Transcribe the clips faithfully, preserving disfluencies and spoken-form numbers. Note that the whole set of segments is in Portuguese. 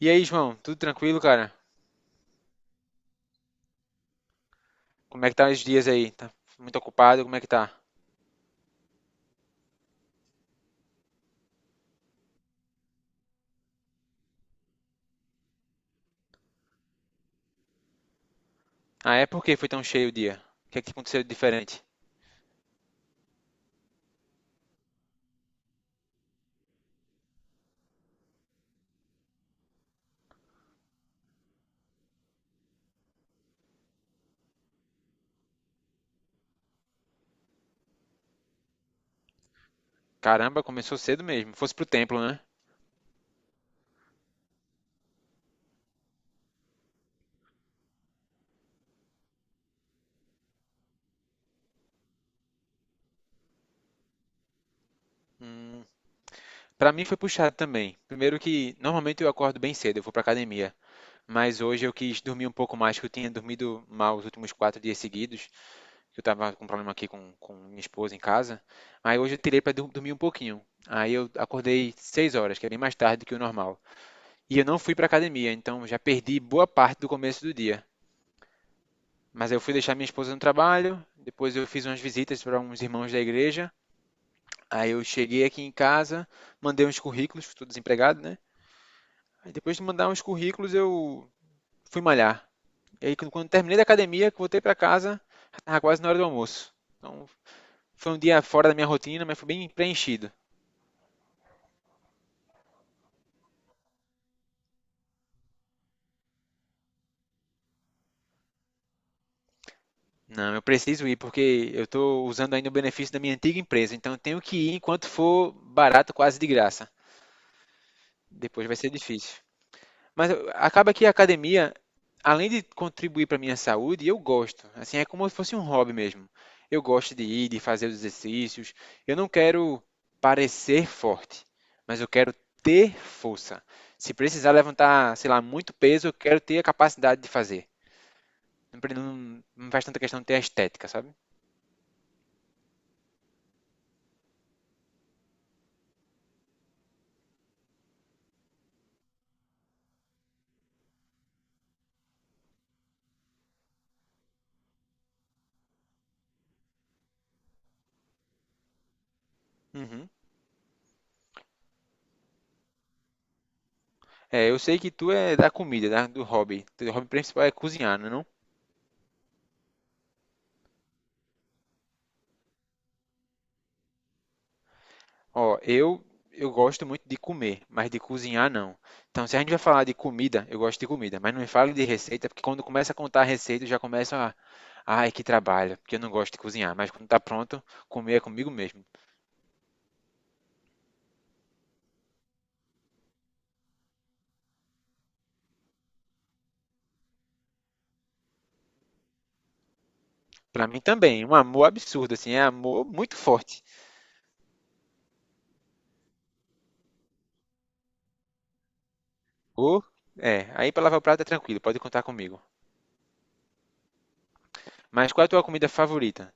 E aí, João, tudo tranquilo, cara? Como é que tá os dias aí? Tá muito ocupado? Como é que tá? Ah, é? Por que foi tão cheio o dia? O que é que aconteceu de diferente? Caramba, começou cedo mesmo. Fosse pro templo, né? Hum, pra mim foi puxado também. Primeiro que normalmente eu acordo bem cedo, eu vou pra academia. Mas hoje eu quis dormir um pouco mais, que eu tinha dormido mal os últimos quatro dias seguidos, que eu tava com problema aqui com, com minha esposa em casa. Aí hoje eu tirei pra dur- dormir um pouquinho. Aí eu acordei seis horas, que é bem mais tarde do que o normal. E eu não fui para academia, então já perdi boa parte do começo do dia. Mas eu fui deixar minha esposa no trabalho, depois eu fiz umas visitas para uns irmãos da igreja. Aí eu cheguei aqui em casa, mandei uns currículos, estou desempregado, né? Aí depois de mandar uns currículos, eu fui malhar. E aí quando quando terminei da academia, que voltei para casa, já tava quase na hora do almoço. Então foi um dia fora da minha rotina, mas foi bem preenchido. Não, eu preciso ir porque eu estou usando ainda o benefício da minha antiga empresa, então eu tenho que ir enquanto for barato, quase de graça. Depois vai ser difícil. Mas eu- acaba que a academia, além de contribuir para minha saúde, eu gosto. Assim, é como se fosse um hobby mesmo. Eu gosto de ir, de fazer os exercícios. Eu não quero parecer forte, mas eu quero ter força. Se precisar levantar, sei lá, muito peso, eu quero ter a capacidade de fazer. Não, pre- não, não faz tanta questão de ter a estética, sabe? Uhum. É, eu sei que tu é da comida, da- do hobby. Teu hobby principal é cozinhar, não? É não? Ó, eu eu gosto muito de comer, mas de cozinhar não. Então, se a gente vai falar de comida, eu gosto de comida, mas não me fale de receita, porque quando começa a contar a receita, eu já começo a, ai, que trabalho, porque eu não gosto de cozinhar, mas quando tá pronto, comer é comigo mesmo. Pra mim também, um amor absurdo assim, é amor muito forte. Ou é, aí pra lavar o prato é tranquilo, pode contar comigo. Mas qual é a tua comida favorita?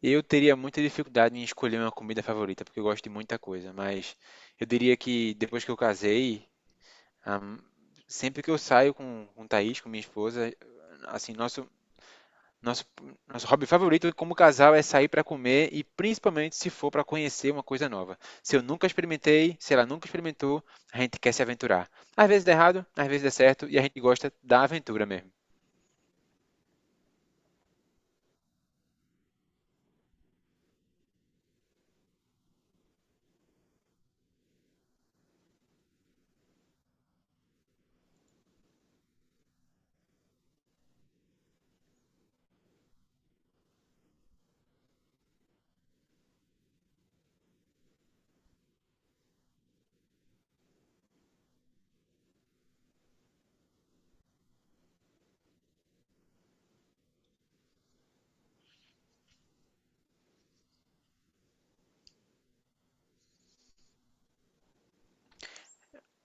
Eu teria muita dificuldade em escolher uma comida favorita, porque eu gosto de muita coisa, mas eu diria que depois que eu casei, Ahm, sempre que eu saio com, com Thaís, com minha esposa, assim, nosso, nosso, nosso hobby favorito como casal é sair para comer e principalmente se for para conhecer uma coisa nova. Se eu nunca experimentei, se ela nunca experimentou, a gente quer se aventurar. Às vezes dá errado, às vezes dá certo e a gente gosta da aventura mesmo.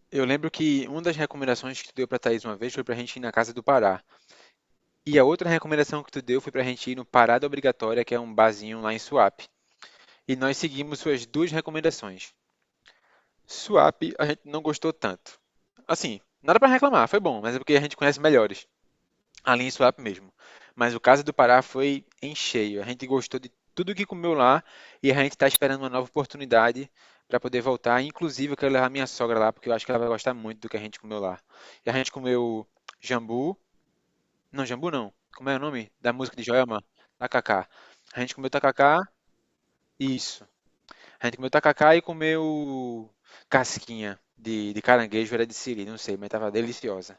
Eu lembro que uma das recomendações que tu deu para Thaís uma vez foi para a gente ir na Casa do Pará. E a outra recomendação que tu deu foi para a gente ir no Parada Obrigatória, que é um barzinho lá em Suape. E nós seguimos suas duas recomendações. Swap a gente não gostou tanto. Assim, nada pra reclamar, foi bom, mas é porque a gente conhece melhores. A linha Swap mesmo. Mas o caso do Pará foi em cheio. A gente gostou de tudo que comeu lá e a gente está esperando uma nova oportunidade para poder voltar. Inclusive, eu quero levar minha sogra lá, porque eu acho que ela vai gostar muito do que a gente comeu lá. E a gente comeu jambu. Não, jambu não. Como é o nome da música de Joelma? Tacacá. A gente comeu tacacá, isso. A gente comeu tacacá e comeu casquinha de, de caranguejo, era de siri, não sei, mas tava deliciosa.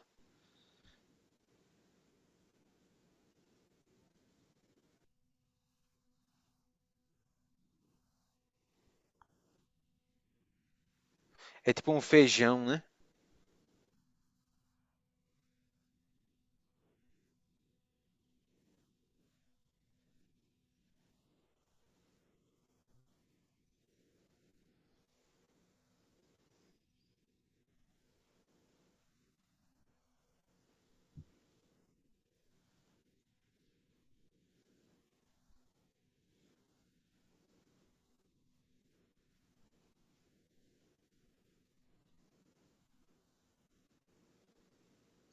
É tipo um feijão, né?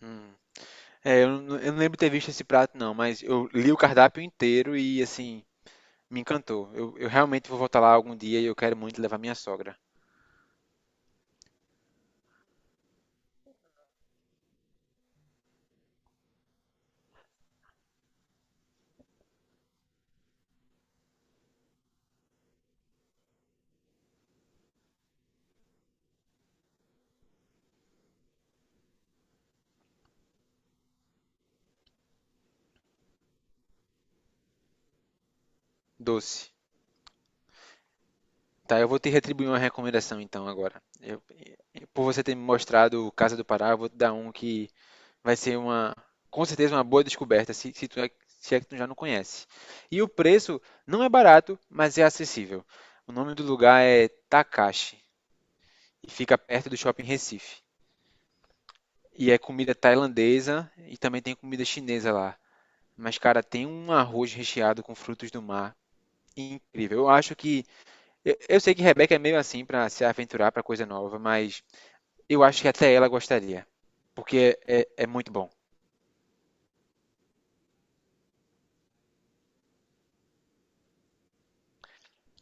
Hum. É, eu, não- eu não lembro de ter visto esse prato, não, mas eu li o cardápio inteiro e, assim, me encantou. Eu, eu realmente vou voltar lá algum dia e eu quero muito levar minha sogra. Doce. Tá, eu vou te retribuir uma recomendação, então, agora. Eu- por você ter me mostrado Casa do Pará, eu vou te dar um que vai ser uma, com certeza, uma boa descoberta, se, se, tu é, se é que tu já não conhece. E o preço não é barato, mas é acessível. O nome do lugar é Takashi e fica perto do shopping Recife. E é comida tailandesa e também tem comida chinesa lá. Mas, cara, tem um arroz recheado com frutos do mar incrível. Eu acho que. Eu, eu sei que Rebeca é meio assim pra se aventurar pra coisa nova, mas eu acho que até ela gostaria. Porque é, é muito bom.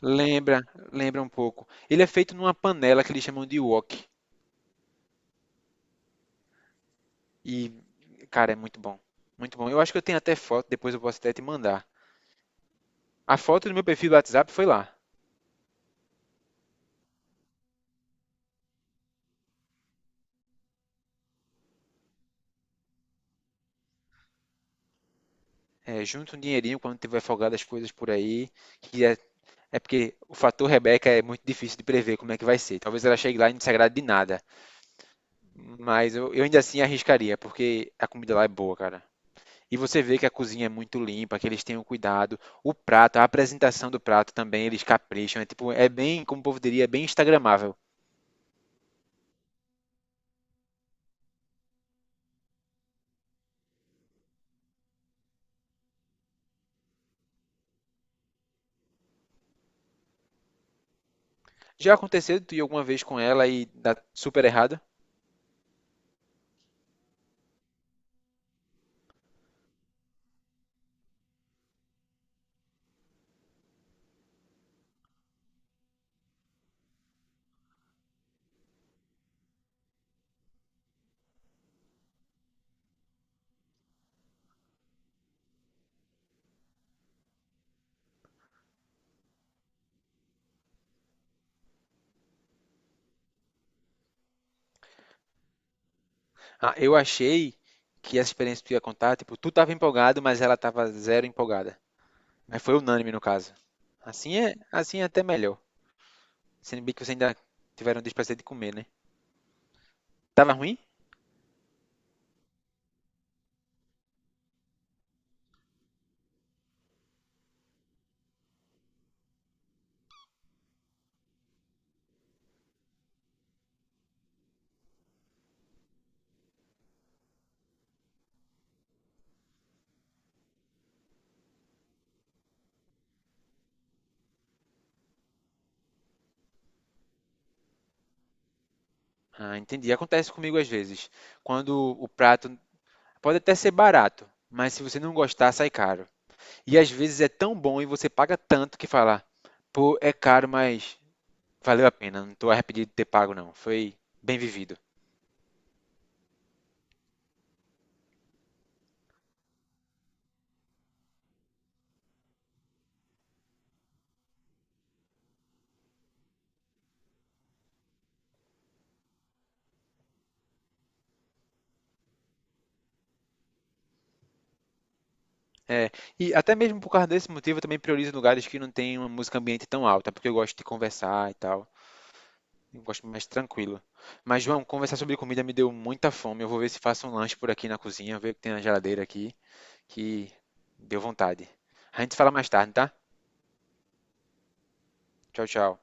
Lembra, lembra um pouco. Ele é feito numa panela que eles chamam de wok. E, cara, é muito bom. Muito bom. Eu acho que eu tenho até foto, depois eu posso até te mandar. A foto do meu perfil do WhatsApp foi lá. É, junta um dinheirinho quando tiver folgado as coisas por aí. Que é, é porque o fator Rebeca é muito difícil de prever como é que vai ser. Talvez ela chegue lá e não se agrade de nada. Mas eu, eu ainda assim arriscaria, porque a comida lá é boa, cara. E você vê que a cozinha é muito limpa, que eles têm um cuidado. O prato, a apresentação do prato também, eles capricham. É tipo, é bem, como o povo diria, é bem instagramável. Já aconteceu de tu ir alguma vez com ela e dar super errado? Ah, eu achei que essa experiência que tu ia contar, tipo, tu tava empolgado, mas ela tava zero empolgada. Mas foi unânime no caso. Assim é, assim é até melhor. Sendo bem que vocês ainda tiveram o desprazer de comer, né? Tava ruim? Ah, entendi. Acontece comigo às vezes. Quando o prato pode até ser barato, mas se você não gostar, sai caro. E às vezes é tão bom e você paga tanto que fala, pô, é caro, mas valeu a pena, não estou arrependido de ter pago não, foi bem vivido. É, e até mesmo por causa desse motivo eu também priorizo lugares que não tem uma música ambiente tão alta, porque eu gosto de conversar e tal. Eu gosto mais tranquilo. Mas, João, conversar sobre comida me deu muita fome. Eu vou ver se faço um lanche por aqui na cozinha, ver o que tem na geladeira aqui, que deu vontade. A gente se fala mais tarde, tá? Tchau, tchau.